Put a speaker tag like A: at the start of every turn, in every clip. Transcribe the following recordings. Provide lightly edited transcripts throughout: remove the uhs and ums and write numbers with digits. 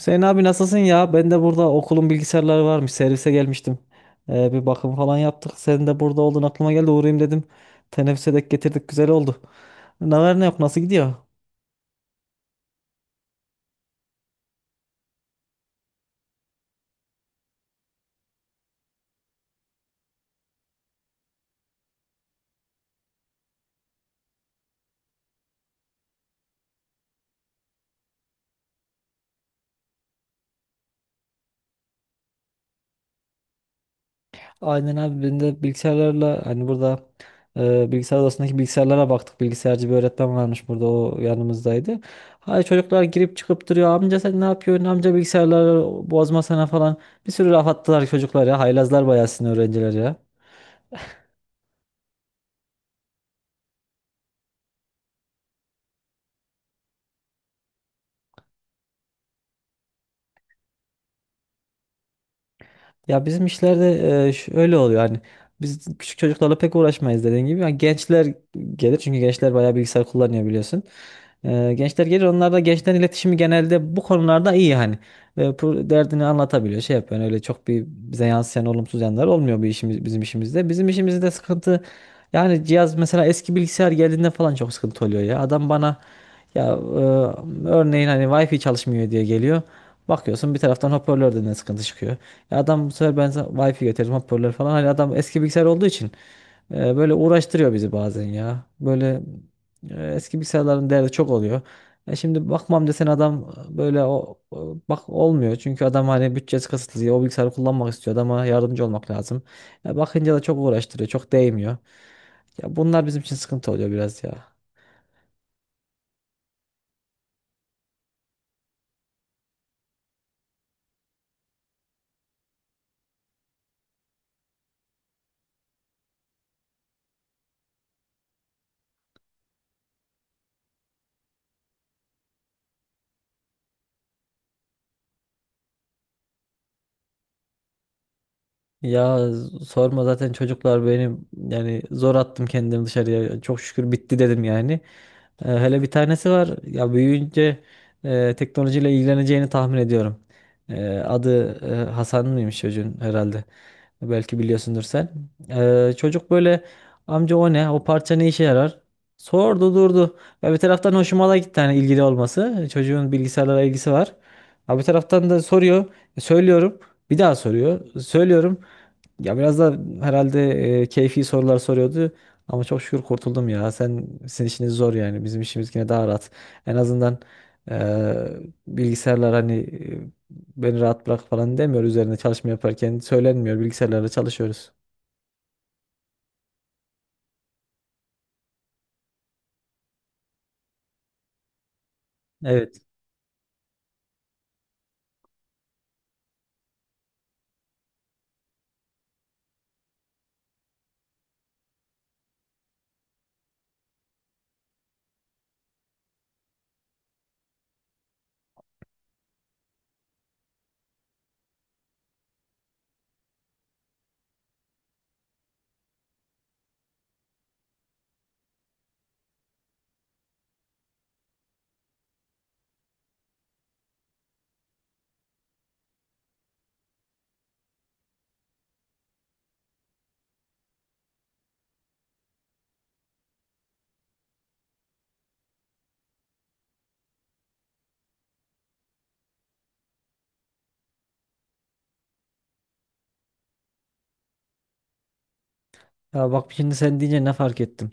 A: Hüseyin abi nasılsın ya? Ben de burada okulun bilgisayarları varmış. Servise gelmiştim. Bir bakım falan yaptık. Senin de burada olduğun aklıma geldi. Uğrayayım dedim. Teneffüse dek getirdik. Güzel oldu. Ne var ne yok? Nasıl gidiyor? Aynen abi ben de bilgisayarlarla hani burada bilgisayar odasındaki bilgisayarlara baktık. Bilgisayarcı bir öğretmen varmış burada, o yanımızdaydı. Hay, çocuklar girip çıkıp duruyor. Amca sen ne yapıyorsun? Amca bilgisayarları bozmasana falan. Bir sürü laf attılar çocuklar ya. Haylazlar bayağı sizin öğrenciler ya. Ya bizim işlerde şöyle oluyor: hani biz küçük çocuklarla pek uğraşmayız, dediğin gibi. Yani gençler gelir, çünkü gençler bayağı bilgisayar kullanıyor biliyorsun. Gençler gelir, onlar da gençlerin iletişimi genelde bu konularda iyi hani. Derdini anlatabiliyor, şey yapıyor. Yani öyle çok bir bize yansıyan olumsuz yanlar olmuyor bizim işimizde. Bizim işimizde sıkıntı, yani cihaz mesela eski bilgisayar geldiğinde falan çok sıkıntı oluyor ya. Adam bana ya, örneğin hani Wi-Fi çalışmıyor diye geliyor. Bakıyorsun bir taraftan hoparlörden de sıkıntı çıkıyor. Adam, bu sefer ben sana Wi-Fi getirdim, hoparlör falan. Hani adam eski bilgisayar olduğu için böyle uğraştırıyor bizi bazen ya. Böyle eski bilgisayarların değeri çok oluyor. Şimdi bakmam desen adam, böyle bak olmuyor. Çünkü adam hani bütçesi kısıtlı. O bilgisayarı kullanmak istiyor. Adama yardımcı olmak lazım. Bakınca da çok uğraştırıyor. Çok değmiyor. Ya bunlar bizim için sıkıntı oluyor biraz ya. Ya, sorma, zaten çocuklar benim, yani zor attım kendimi dışarıya. Çok şükür bitti dedim yani. Hele bir tanesi var. Ya büyüyünce teknolojiyle ilgileneceğini tahmin ediyorum. Adı Hasan mıymış çocuğun, herhalde. Belki biliyorsundur sen. Çocuk böyle, amca o ne? O parça ne işe yarar? Sordu durdu. Ya bir taraftan hoşuma da gitti hani, ilgili olması. Çocuğun bilgisayarlara ilgisi var. Ha bir taraftan da soruyor. Söylüyorum. Bir daha soruyor. Söylüyorum. Ya biraz da herhalde keyfi sorular soruyordu. Ama çok şükür kurtuldum ya. Sizin işiniz zor yani. Bizim işimiz yine daha rahat. En azından e, bilgisayarlar hani beni rahat bırak falan demiyor, üzerine çalışma yaparken söylenmiyor, bilgisayarlarla çalışıyoruz. Evet. Ya bak, şimdi sen deyince ne fark ettim.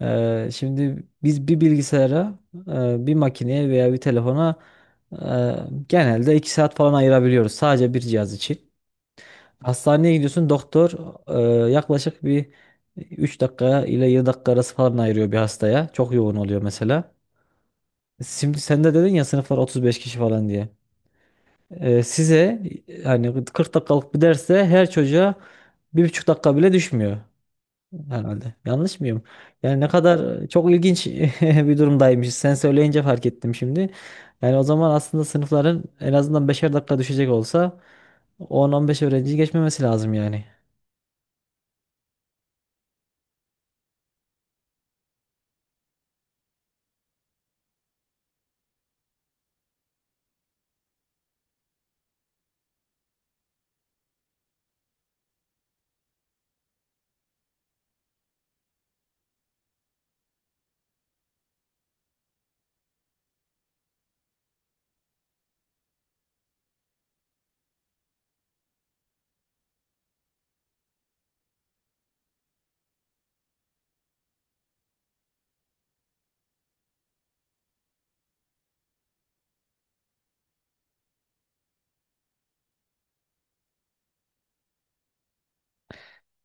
A: Şimdi biz bir bilgisayara, bir makineye veya bir telefona e, genelde 2 saat falan ayırabiliyoruz sadece bir cihaz için. Hastaneye gidiyorsun, doktor yaklaşık bir 3 dakika ile 7 dakika arası falan ayırıyor bir hastaya. Çok yoğun oluyor mesela. Şimdi sen de dedin ya, sınıflar 35 kişi falan diye. Size hani 40 dakikalık bir derse her çocuğa 1,5 dakika bile düşmüyor herhalde. Yanlış mıyım? Yani ne kadar çok ilginç bir durumdaymış. Sen söyleyince fark ettim şimdi. Yani o zaman aslında sınıfların en azından beşer dakika düşecek olsa 10-15 öğrenci geçmemesi lazım yani.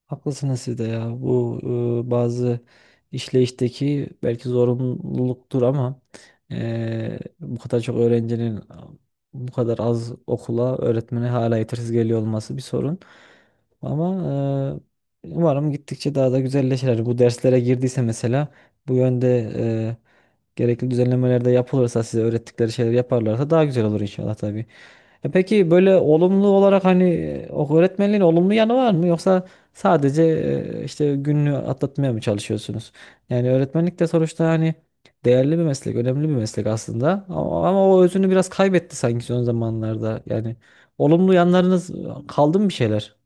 A: Haklısınız siz de ya. Bu bazı işleyişteki belki zorunluluktur, ama bu kadar çok öğrencinin, bu kadar az okula, öğretmene hala yetersiz geliyor olması bir sorun. Ama umarım gittikçe daha da güzelleşir. Yani bu derslere girdiyse mesela, bu yönde e, gerekli düzenlemeler de yapılırsa, size öğrettikleri şeyler yaparlarsa daha güzel olur inşallah tabii. Peki böyle olumlu olarak hani o öğretmenliğin olumlu yanı var mı? Yoksa sadece işte gününü atlatmaya mı çalışıyorsunuz? Yani öğretmenlik de sonuçta hani değerli bir meslek, önemli bir meslek aslında. Ama o özünü biraz kaybetti sanki son zamanlarda. Yani olumlu yanlarınız kaldı mı bir şeyler?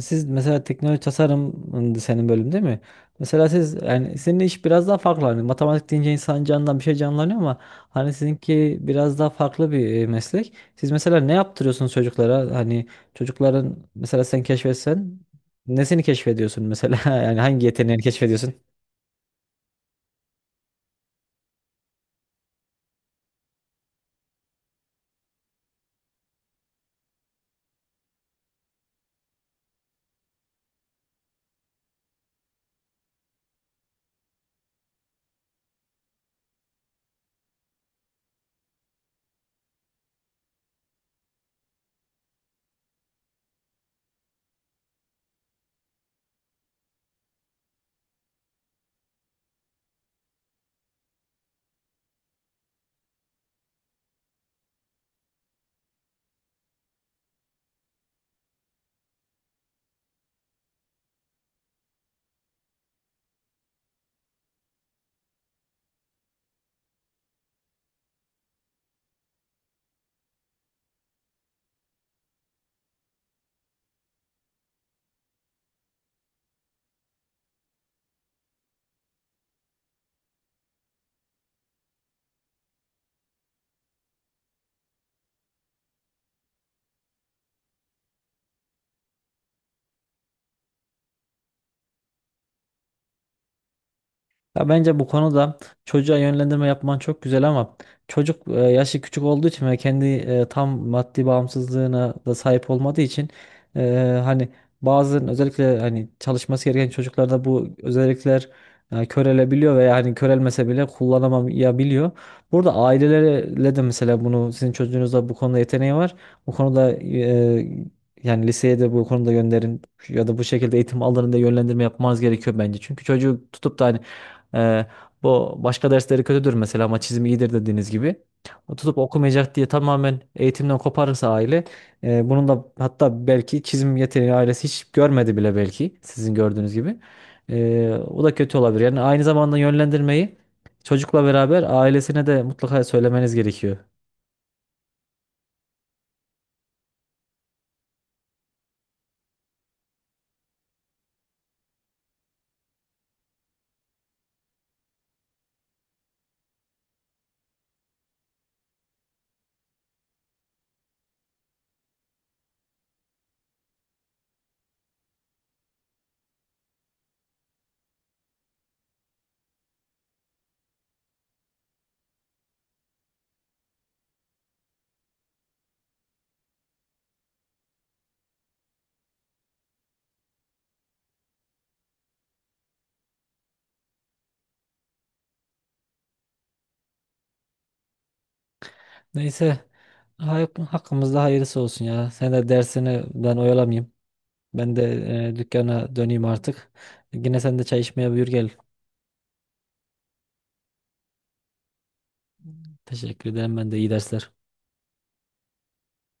A: Siz mesela teknoloji tasarım, senin bölüm değil mi? Mesela siz, yani senin iş biraz daha farklı. Hani matematik deyince insan canından bir şey canlanıyor, ama hani sizinki biraz daha farklı bir meslek. Siz mesela ne yaptırıyorsunuz çocuklara? Hani çocukların mesela sen keşfetsen, nesini keşfediyorsun mesela? Yani hangi yeteneğini keşfediyorsun? Ya bence bu konuda çocuğa yönlendirme yapman çok güzel, ama çocuk yaşı küçük olduğu için ve kendi tam maddi bağımsızlığına da sahip olmadığı için hani bazı, özellikle hani çalışması gereken çocuklarda bu özellikler körelebiliyor veya hani körelmese bile kullanamayabiliyor. Burada ailelerle de mesela, bunu sizin çocuğunuzda bu konuda yeteneği var. Bu konuda, yani liseye de bu konuda gönderin ya da bu şekilde eğitim alanında yönlendirme yapmanız gerekiyor bence. Çünkü çocuğu tutup da hani ee, bu başka dersleri kötüdür mesela, ama çizim iyidir, dediğiniz gibi. O tutup okumayacak diye tamamen eğitimden koparırsa aile, bunun da, hatta belki çizim yeteneği ailesi hiç görmedi bile, belki sizin gördüğünüz gibi. O da kötü olabilir. Yani aynı zamanda yönlendirmeyi çocukla beraber ailesine de mutlaka söylemeniz gerekiyor. Neyse, hakkımızda hayırlısı olsun ya. Sen de dersini, ben oyalamayayım. Ben de dükkana döneyim artık. Yine sen de çay içmeye buyur gel. Teşekkür ederim. Ben de iyi dersler.